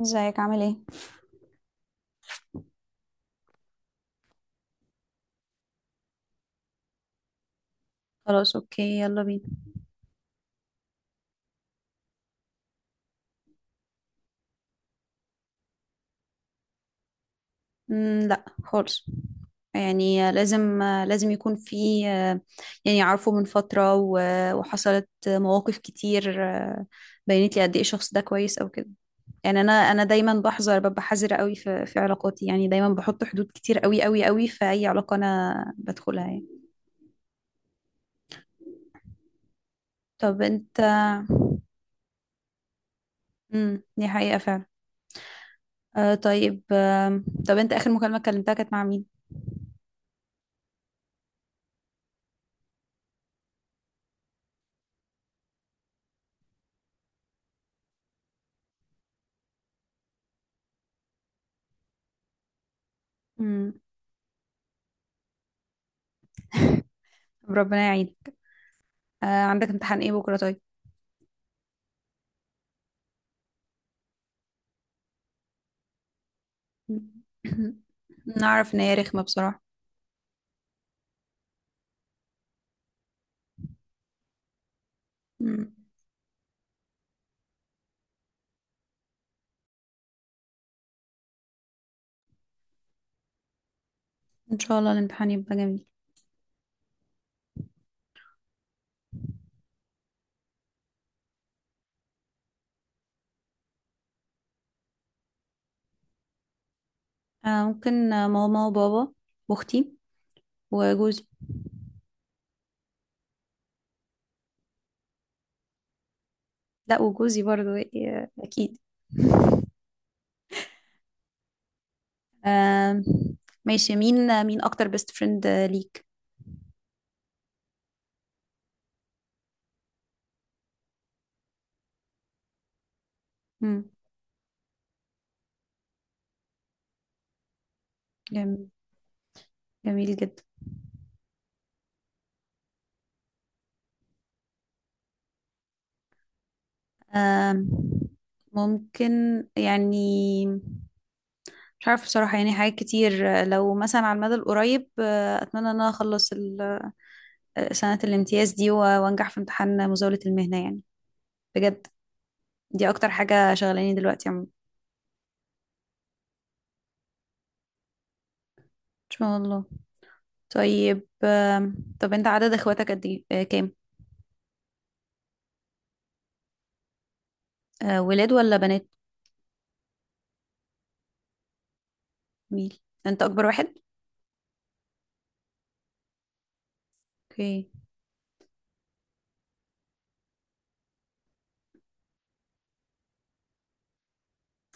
ازيك؟ عامل ايه؟ خلاص، اوكي، يلا بينا. مم، لا خالص. يعني لازم يكون في. يعني عارفه من فترة و- وحصلت مواقف كتير بينت لي قد ايه الشخص ده كويس او كده. يعني انا دايما بحذر، ببقى حذرة قوي في علاقاتي. يعني دايما بحط حدود كتير قوي قوي قوي في اي علاقة انا بدخلها، يعني. طب انت؟ دي حقيقة فعلا. طيب، طب انت، اخر مكالمة كلمتها كانت مع مين؟ امم. ربنا يعينك. عندك امتحان ايه بكرة، طيب؟ نعرف ان هي رخمة، بصراحة. مم. ان شاء الله الامتحان يبقى جميل. ممكن ماما وبابا، واختي، وجوزي. لا، وجوزي برضو، اكيد. آه. ماشي. مين اكتر بيست فريند ليك؟ مم. جميل. جميل جدا. آه ممكن، يعني مش عارفة بصراحة، يعني حاجات كتير. لو مثلا على المدى القريب أتمنى إن أنا أخلص سنة الامتياز دي و- وانجح في امتحان مزاولة المهنة، يعني بجد. دي اكتر حاجة شغلاني دلوقتي عموما. ان شاء الله. طيب، طب انت، عدد اخواتك قد ايه، كام؟ ولاد ولا بنات؟ ميل. انت اكبر واحد؟ اوكي.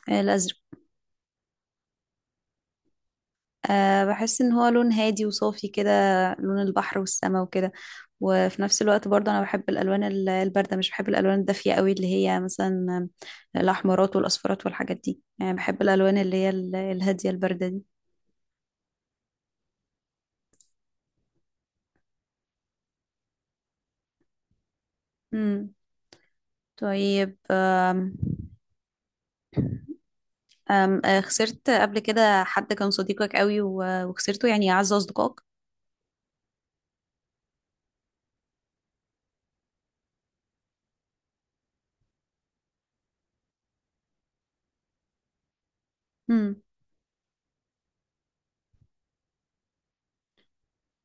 الازرق. أه، بحس ان هو لون هادي وصافي كده، لون البحر والسماء وكده. وفي نفس الوقت برضه انا بحب الالوان ال- البارده. مش بحب الالوان الدافيه قوي، اللي هي مثلا الاحمرات والاصفرات والحاجات دي. يعني بحب الالوان اللي هي ال- الهاديه البارده دي. طيب، أم أم آه، خسرت قبل كده حد كان صديقك قوي و- وخسرته، يعني أعز أصدقائك؟ امم.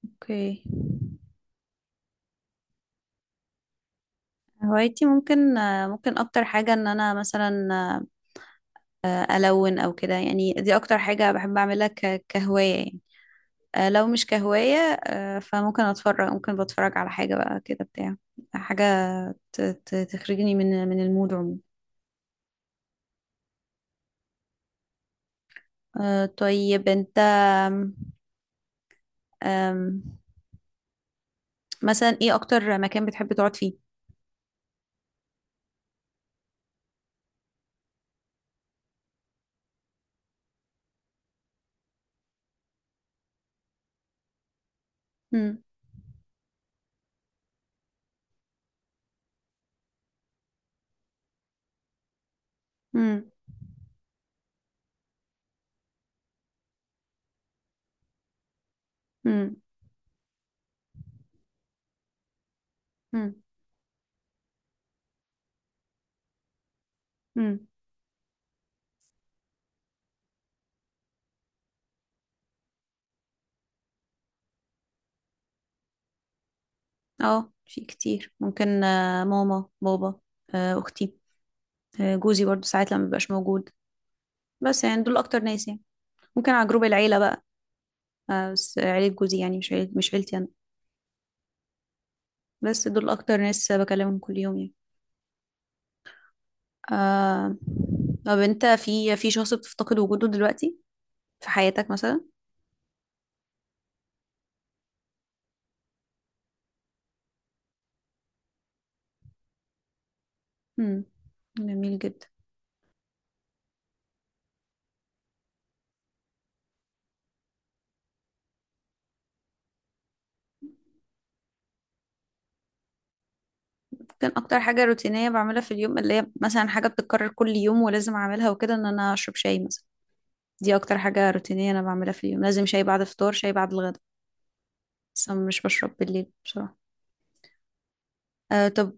اوكي. هوايتي، ممكن أكتر حاجة إن أنا مثلا ألون أو كده. يعني دي أكتر حاجة بحب أعملها ك- كهواية، يعني. لو مش كهواية فممكن أتفرج، ممكن بتفرج على حاجة بقى كده، بتاع حاجة ت- ت- تخرجني من المود عموما. طيب أنت، أم، مثلا ايه اكتر مكان بتحب تقعد فيه؟ امم. امم. امم. امم. امم. اه، في كتير، ممكن ماما بابا، اختي، جوزي برضو ساعات لما بيبقاش موجود. بس يعني دول اكتر ناس، يعني ممكن على جروب العيله بقى. بس عيله جوزي، يعني مش عيلتي انا. بس دول اكتر ناس بكلمهم كل يوم، يعني آه. طب انت، في شخص بتفتقد وجوده دلوقتي في حياتك مثلا؟ امم. جميل جدا. كان اكتر حاجه روتينيه بعملها في اليوم، اللي هي مثلا حاجه بتتكرر كل يوم ولازم اعملها وكده، ان انا اشرب شاي مثلا. دي اكتر حاجه روتينيه انا بعملها في اليوم. لازم شاي بعد الفطار، شاي بعد الغدا. بس أنا مش بشرب بالليل، بصراحه. طب.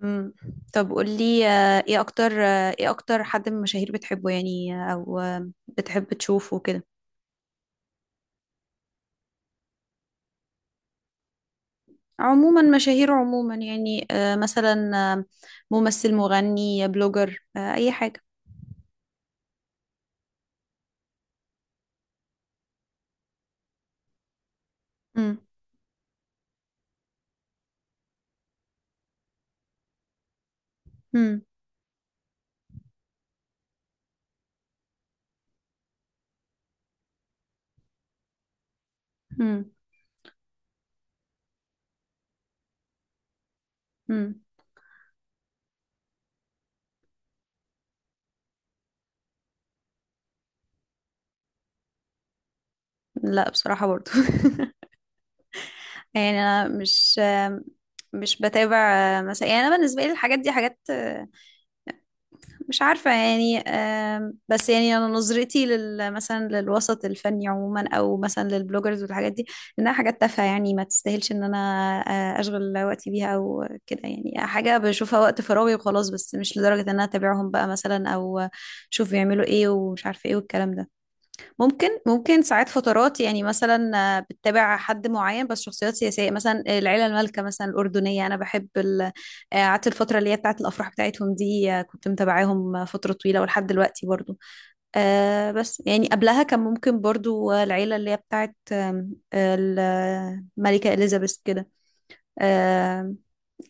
مم. طب قولي، ايه اكتر حد من المشاهير بتحبه، يعني، او بتحب تشوفه كده؟ عموما مشاهير، عموما يعني مثلا ممثل، مغني، بلوجر، اي حاجة. مم. مم. مم. مم. لا بصراحة، برضو. يعني انا مش بتابع، مثلا. يعني انا بالنسبه لي الحاجات دي حاجات، مش عارفه، يعني بس يعني انا نظرتي مثلا للوسط الفني عموما، او مثلا للبلوجرز والحاجات دي، انها حاجات تافهه، يعني ما تستاهلش ان انا اشغل وقتي بيها او كده. يعني حاجه بشوفها وقت فراغي وخلاص، بس مش لدرجه ان انا اتابعهم بقى مثلا، او اشوف بيعملوا ايه ومش عارفه ايه والكلام ده. ممكن ساعات فترات يعني، مثلا. بتتابع حد معين. بس شخصيات سياسية، مثلا العيلة المالكة مثلا الأردنية، أنا بحب، قعدت الفترة اللي هي بتاعت الأفراح بتاعتهم دي، كنت متابعاهم فترة طويلة ولحد دلوقتي برضو. بس يعني قبلها كان ممكن برضو العيلة اللي هي بتاعت آم، آه، الملكة إليزابيث كده. آه.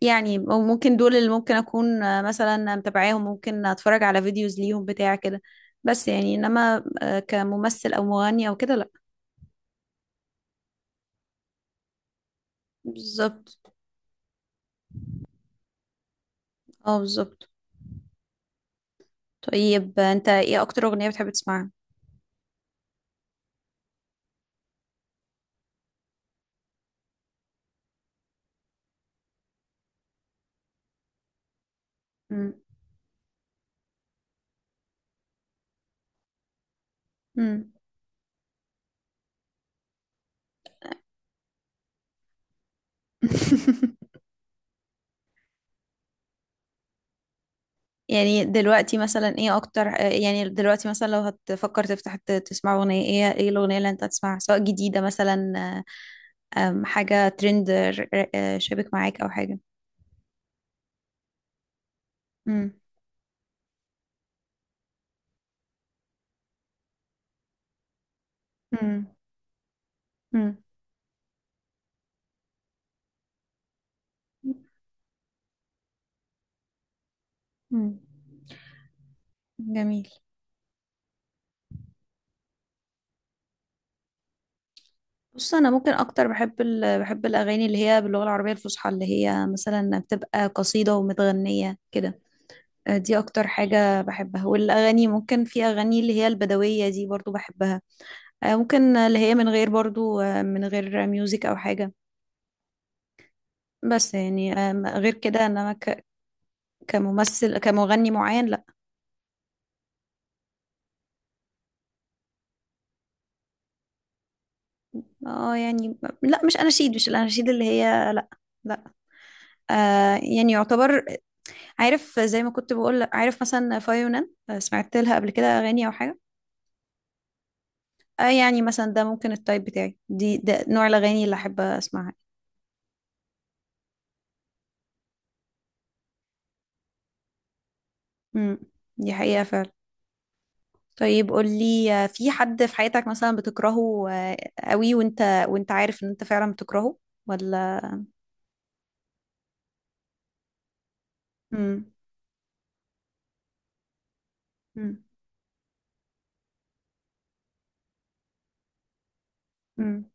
يعني ممكن دول اللي ممكن اكون مثلا متابعاهم، ممكن اتفرج على فيديوز ليهم بتاع كده. بس يعني انما كممثل او مغني او كده، لا. بالظبط. اه بالظبط. طيب، انت ايه اكتر اغنية بتحب تسمعها؟ مم. مم. يعني دلوقتي مثلا، ايه اكتر آه، يعني دلوقتي مثلا لو هتفكر تفتح تسمع اغنية، ايه الاغنية اللي انت هتسمعها؟ سواء جديدة مثلا، آه، آم، حاجة ترند، شابك معاك، او حاجة. مم. مم. مم. مم. جميل. بص، انا ممكن اكتر بحب الاغاني اللي هي باللغه العربيه الفصحى، اللي هي مثلا بتبقى قصيده ومتغنيه كده. دي اكتر حاجه بحبها. والاغاني، ممكن في اغاني اللي هي البدويه دي برضو بحبها. ممكن اللي هي من غير، برضو من غير ميوزك او حاجه. بس يعني غير كده، انما كممثل، كمغني معين، لا. اه، يعني. لا، مش الاناشيد اللي هي، لا. لا. آه، يعني يعتبر. عارف، زي ما كنت بقول، عارف مثلا فايونان، سمعت لها قبل كده اغاني او حاجه. اه، يعني مثلا ده ممكن التايب بتاعي دي، ده نوع الاغاني اللي احب اسمعها. امم. دي حقيقه فعلا. طيب قولي، في حد في حياتك مثلا بتكرهه قوي، وانت عارف ان انت فعلا بتكرهه، ولا؟ امم. امم. امم.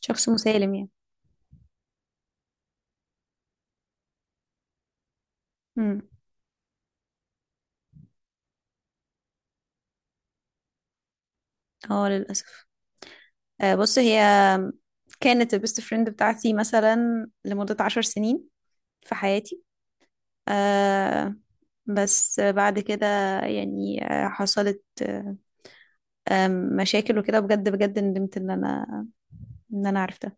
شخص مسالم، يعني. امم. اه للاسف. بص، هي كانت البيست فريند بتاعتي مثلا لمده 10 سنين في حياتي. آه. بس بعد كده، يعني حصلت آه، مشاكل وكده. بجد بجد ندمت ان انا عرفتها.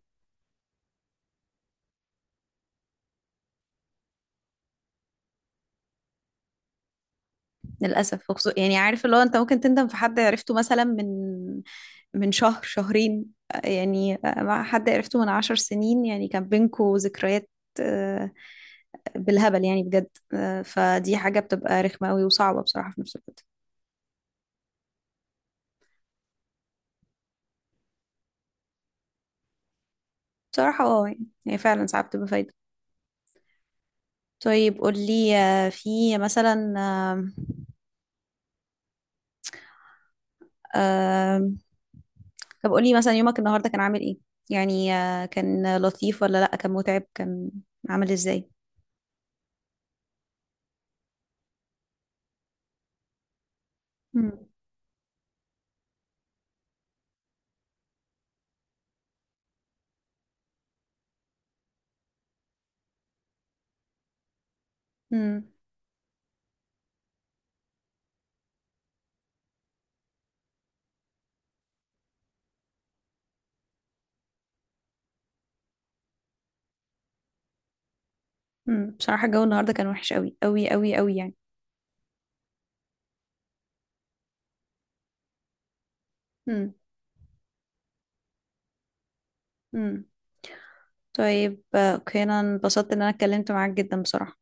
للاسف. يعني عارف اللي هو، انت ممكن تندم في حد عرفته مثلا من شهر شهرين، يعني مع حد عرفته من 10 سنين يعني، كان بينكوا ذكريات آه، بالهبل يعني، بجد. فدي حاجة بتبقى رخمة قوي وصعبة بصراحة في نفس الوقت. بصراحة، اه يعني هي فعلا ساعات بتبقى فايدة. طيب قولي، في مثلا آه، طب قولي مثلا، يومك النهاردة كان عامل ايه؟ يعني كان لطيف ولا لأ؟ كان متعب، كان عامل ازاي؟ مم. مم. مم. بصراحة الجو النهاردة كان وحش قوي قوي قوي قوي، يعني. مم. مم. طيب، اوكي. انا انبسطت ان انا اتكلمت معاك جدا، بصراحة.